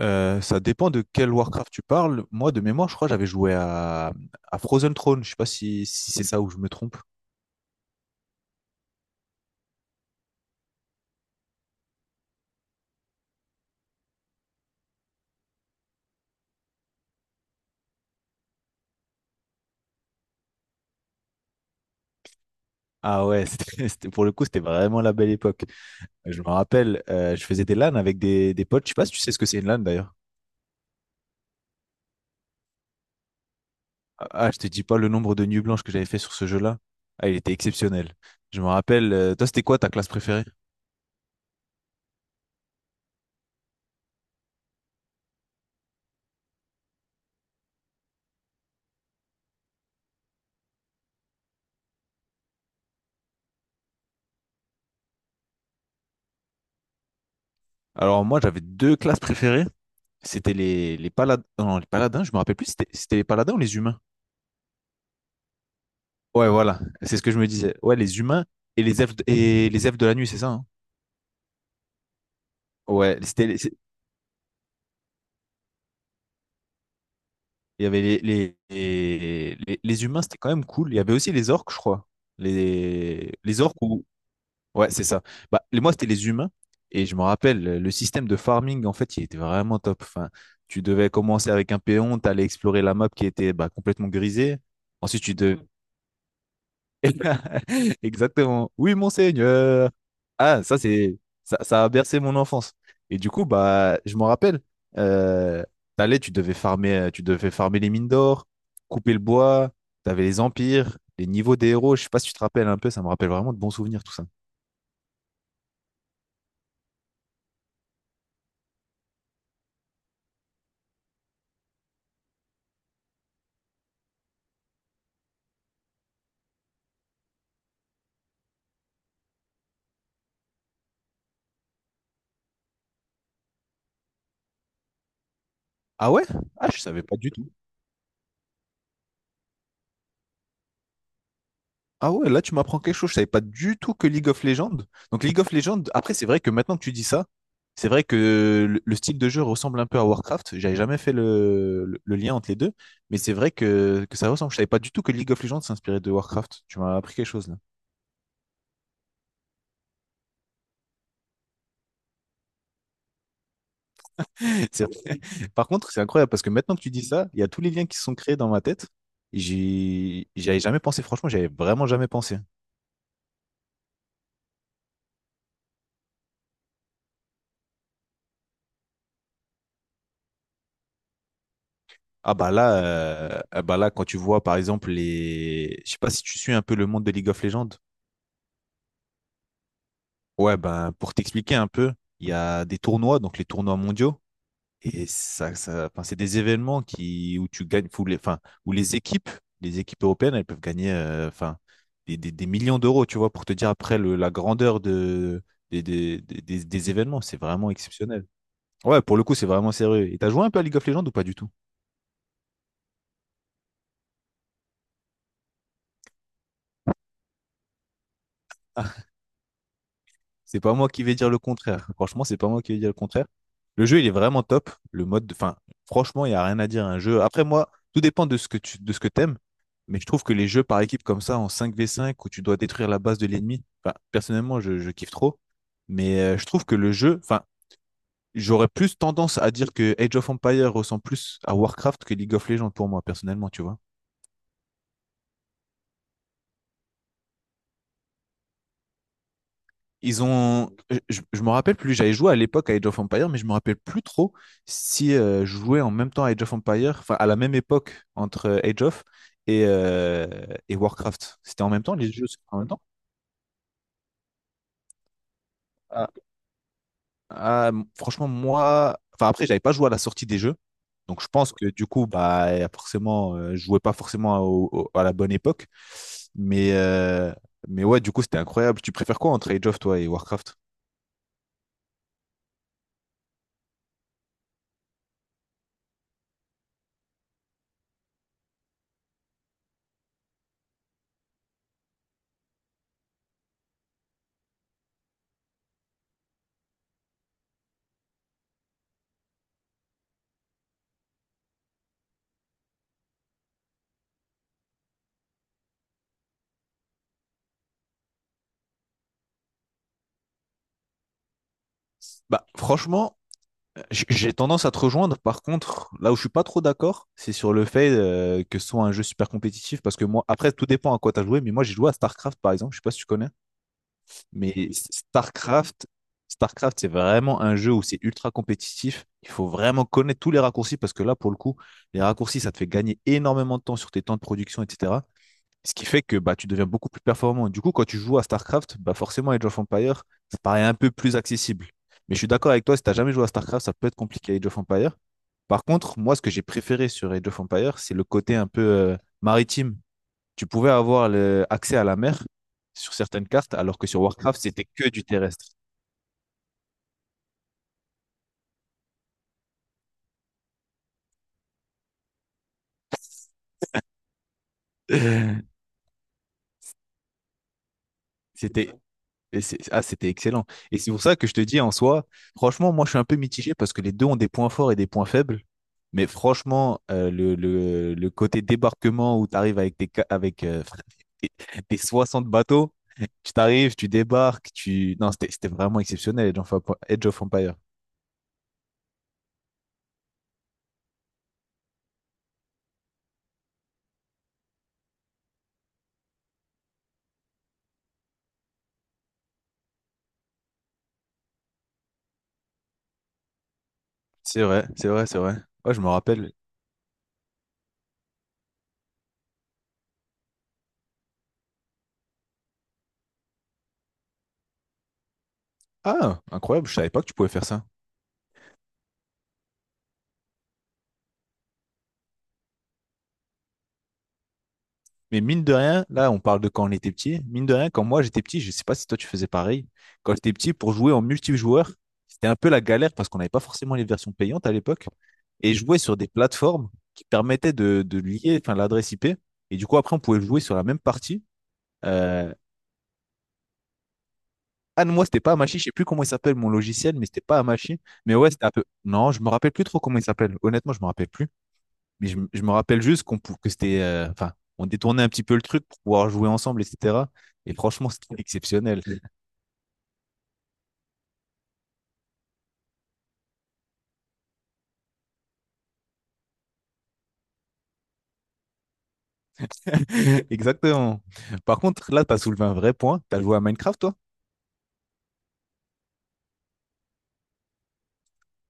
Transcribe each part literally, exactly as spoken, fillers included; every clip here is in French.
Euh, ça dépend de quel Warcraft tu parles. Moi, de mémoire, je crois que j'avais joué à, à Frozen Throne. Je sais pas si, si c'est ça ou je me trompe. Ah ouais, c'était, c'était- pour le coup, c'était vraiment la belle époque. Euh, Je me rappelle, euh, je faisais des LAN avec des, des potes. Je sais pas si tu sais ce que c'est une LAN d'ailleurs. Ah, ah, je te dis pas le nombre de nuits blanches que j'avais fait sur ce jeu-là. Ah, il était exceptionnel. Je me rappelle, euh, toi, c'était quoi ta classe préférée? Alors moi, j'avais deux classes préférées. C'était les, les paladins. Non, les paladins, je me rappelle plus. C'était c'était les paladins ou les humains? Ouais, voilà, c'est ce que je me disais. Ouais, les humains et les elfes de, et les elfes de la nuit, c'est ça, hein? Ouais, c'était, les- c'est- il y avait les, les, les, les- les humains, c'était quand même cool. Il y avait aussi les orques, je crois. Les, les orques ou... Ouais, c'est ça. Bah, les- moi, c'était les humains. Et je me rappelle, le le système de farming, en fait, il était vraiment top. Enfin, tu devais commencer avec un péon, t'allais explorer la map qui était bah, complètement grisée. Ensuite, tu devais exactement. Oui, monseigneur. Ah, ça, c'est, ça, ça a bercé mon enfance. Et du coup, bah, je m'en rappelle, euh, t'allais, tu devais farmer, euh, tu devais farmer les mines d'or, couper le bois, t'avais les empires, les niveaux des héros. Je sais pas si tu te rappelles un peu, ça me rappelle vraiment de bons souvenirs, tout ça. Ah ouais? Ah, je savais pas du tout. Ah ouais, là tu m'apprends quelque chose, je savais pas du tout que League of Legends. Donc League of Legends, après c'est vrai que maintenant que tu dis ça, c'est vrai que le le style de jeu ressemble un peu à Warcraft. J'avais jamais fait le, le- le lien entre les deux, mais c'est vrai que, que ça ressemble. Je savais pas du tout que League of Legends s'inspirait de Warcraft. Tu m'as appris quelque chose là. C'est- Par contre, c'est incroyable parce que maintenant que tu dis ça, il y a tous les liens qui se sont créés dans ma tête. J'y j'y avais jamais pensé, franchement, j'avais vraiment jamais pensé. Ah bah là, euh, ah bah là, quand tu vois par exemple les, je sais pas si tu suis un peu le monde de League of Legends. Ouais, ben, pour t'expliquer un peu, il y a des tournois, donc les tournois mondiaux, et ça, ça, enfin, c'est des événements qui, où tu gagnes, où les, enfin, où les équipes, les équipes européennes, elles peuvent gagner, euh, enfin, des, des- des millions d'euros, tu vois, pour te dire après le, la grandeur de, des, des, des, des- des événements, c'est vraiment exceptionnel. Ouais, pour le coup, c'est vraiment sérieux. Et t'as joué un peu à League of Legends ou pas du tout? C'est pas moi qui vais dire le contraire. Franchement, c'est pas moi qui vais dire le contraire. Le jeu, il est vraiment top. Le mode, de- enfin, franchement, il n'y a rien à dire. Un jeu. Après, moi, tout dépend de ce que tu, de ce que t'aimes. Mais je trouve que les jeux par équipe comme ça, en cinq v cinq, où tu dois détruire la base de l'ennemi, enfin, personnellement, je, je kiffe trop. Mais euh, je trouve que le jeu, enfin, j'aurais plus tendance à dire que Age of Empires ressemble plus à Warcraft que League of Legends pour moi, personnellement, tu vois. Ils ont, je, je me rappelle plus, j'avais joué à l'époque à Age of Empires, mais je me rappelle plus trop si euh, je jouais en même temps à Age of Empires, enfin à la même époque entre euh, Age of et, euh, et Warcraft. C'était en même temps, les jeux c'était en même temps. Ah, ah, m- Franchement, moi, enfin après, j'avais pas joué à la sortie des jeux. Donc je pense que du coup, bah, forcément, euh, je jouais pas forcément au- au- à la bonne époque. Mais, euh, mais ouais, du coup, c'était incroyable. Tu préfères quoi entre Age of, toi, et Warcraft? Bah, franchement, j- j'ai tendance à te rejoindre. Par contre, là où je suis pas trop d'accord, c'est sur le fait euh, que ce soit un jeu super compétitif. Parce que moi, après, tout dépend à quoi tu as joué. Mais moi, j'ai joué à StarCraft, par exemple. Je sais pas si tu connais. Mais StarCraft, StarCraft, c'est vraiment un jeu où c'est ultra compétitif. Il faut vraiment connaître tous les raccourcis parce que là, pour le coup, les raccourcis, ça te fait gagner énormément de temps sur tes temps de production, et cetera. Ce qui fait que bah, tu deviens beaucoup plus performant. Du coup, quand tu joues à StarCraft, bah, forcément, Age of Empires, ça paraît un peu plus accessible. Mais je suis d'accord avec toi, si t'as jamais joué à StarCraft, ça peut être compliqué à Age of Empires. Par contre, moi, ce que j'ai préféré sur Age of Empires, c'est le côté un peu euh, maritime, tu pouvais avoir le- accès à la mer sur certaines cartes, alors que sur Warcraft, c'était que du terrestre. C'était Et c'est- ah, c'était excellent. Et c'est pour ça que je te dis en soi, franchement, moi je suis un peu mitigé parce que les deux ont des points forts et des points faibles. Mais franchement, euh, le, le, le côté débarquement où tu arrives avec, tes, ca- avec euh, des, des soixante bateaux, tu t'arrives, tu débarques, tu... Non, c'était c'était vraiment exceptionnel, Age of Emp- Age of Empire. C'est vrai, c'est vrai, c'est vrai. Ouais, je me rappelle. Ah, incroyable, je savais pas que tu pouvais faire ça. Mais mine de rien, là, on parle de quand on était petit. Mine de rien, quand moi j'étais petit, je sais pas si toi tu faisais pareil. Quand j'étais petit, pour jouer en multijoueur, c'était un peu la galère parce qu'on n'avait pas forcément les versions payantes à l'époque. Et jouer sur des plateformes qui permettaient de, de lier enfin, l'adresse I P. Et du coup, après, on pouvait jouer sur la même partie. Euh, ah non, moi, c'était pas Amachi. Je sais plus comment il s'appelle mon logiciel, mais c'était pas Amachi. Mais ouais, c'était un peu. Non, je me rappelle plus trop comment il s'appelle. Honnêtement, je me rappelle plus. Mais je, m- je me rappelle juste qu'on pou- que c'était, euh, enfin, on détournait un petit peu le truc pour pouvoir jouer ensemble, et cetera. Et franchement, c'était exceptionnel. Exactement. Par contre, là, tu as soulevé un vrai point. Tu as joué à Minecraft, toi?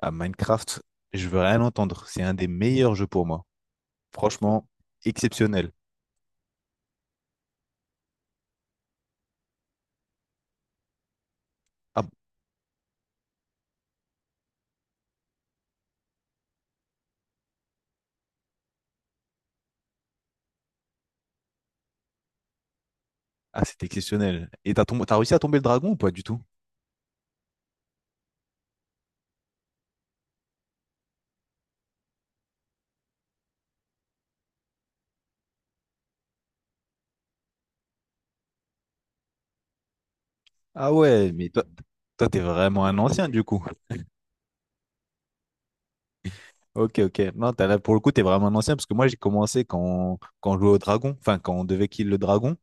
À Minecraft, je veux rien entendre. C'est un des meilleurs jeux pour moi. Franchement, exceptionnel. Ah, ah, c'était exceptionnel. Et t'as tombé, t'as réussi à tomber le dragon ou pas du tout? Ah ouais, mais toi, toi, t'es vraiment un ancien du coup. Ok, ok. Non, t'as là, pour le coup, t'es vraiment un ancien parce que moi, j'ai commencé quand, quand on jouait au dragon, enfin, quand on devait kill le dragon.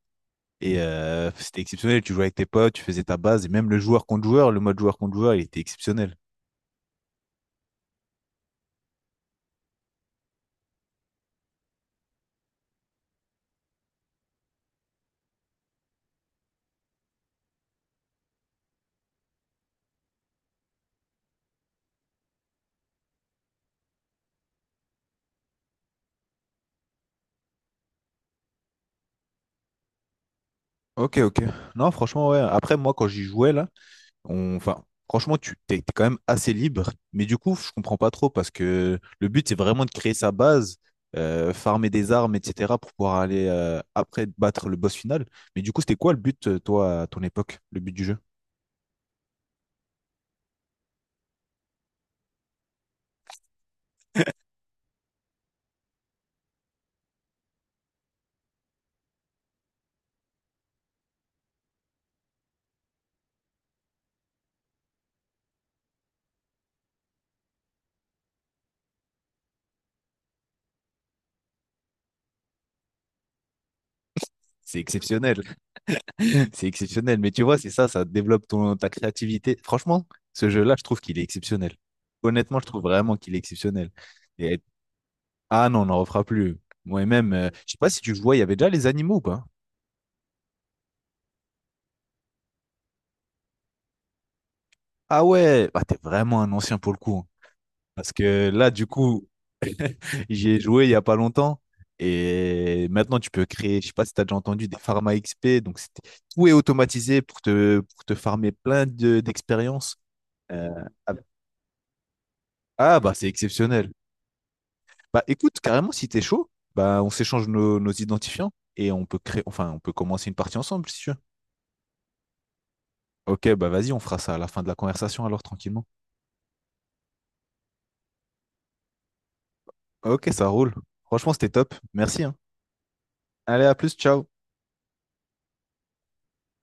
Et euh, c'était exceptionnel, tu jouais avec tes potes, tu faisais ta base, et même le joueur contre joueur, le mode joueur contre joueur, il était exceptionnel. Ok, ok. Non, franchement, ouais. Après, moi, quand j'y jouais, là, on... enfin, franchement, tu t'es t'es quand même assez libre. Mais du coup, je comprends pas trop parce que le but, c'est vraiment de créer sa base, euh, farmer des armes, et cetera, pour pouvoir aller euh, après battre le boss final. Mais du coup, c'était quoi le but, euh, toi, à ton époque, le but du jeu? C'est exceptionnel. C'est exceptionnel. Mais tu vois, c'est ça, ça développe ton, ta créativité. Franchement, ce jeu-là, je trouve qu'il est exceptionnel. Honnêtement, je trouve vraiment qu'il est exceptionnel. Et, ah non, on n'en refera plus. Moi-même, euh, je sais pas si tu jouais, il y avait déjà les animaux ou pas? Ah ouais, bah, t'es vraiment un ancien pour le coup, hein. Parce que là, du coup, j'y ai joué il y a pas longtemps. Et maintenant, tu peux créer, je sais pas si tu as déjà entendu, des pharma X P. Donc, c'était- tout est automatisé pour te, pour te farmer plein de- d'expériences. Euh, ah ah, bah, c'est exceptionnel. Bah écoute, carrément, si t'es chaud, bah on s'échange nos, nos identifiants et on peut créer, enfin on peut commencer une partie ensemble si tu veux. Ok, bah vas-y, on fera ça à la fin de la conversation alors tranquillement. Ok, ça roule. Franchement, c'était top. Merci, hein. Allez, à plus, ciao.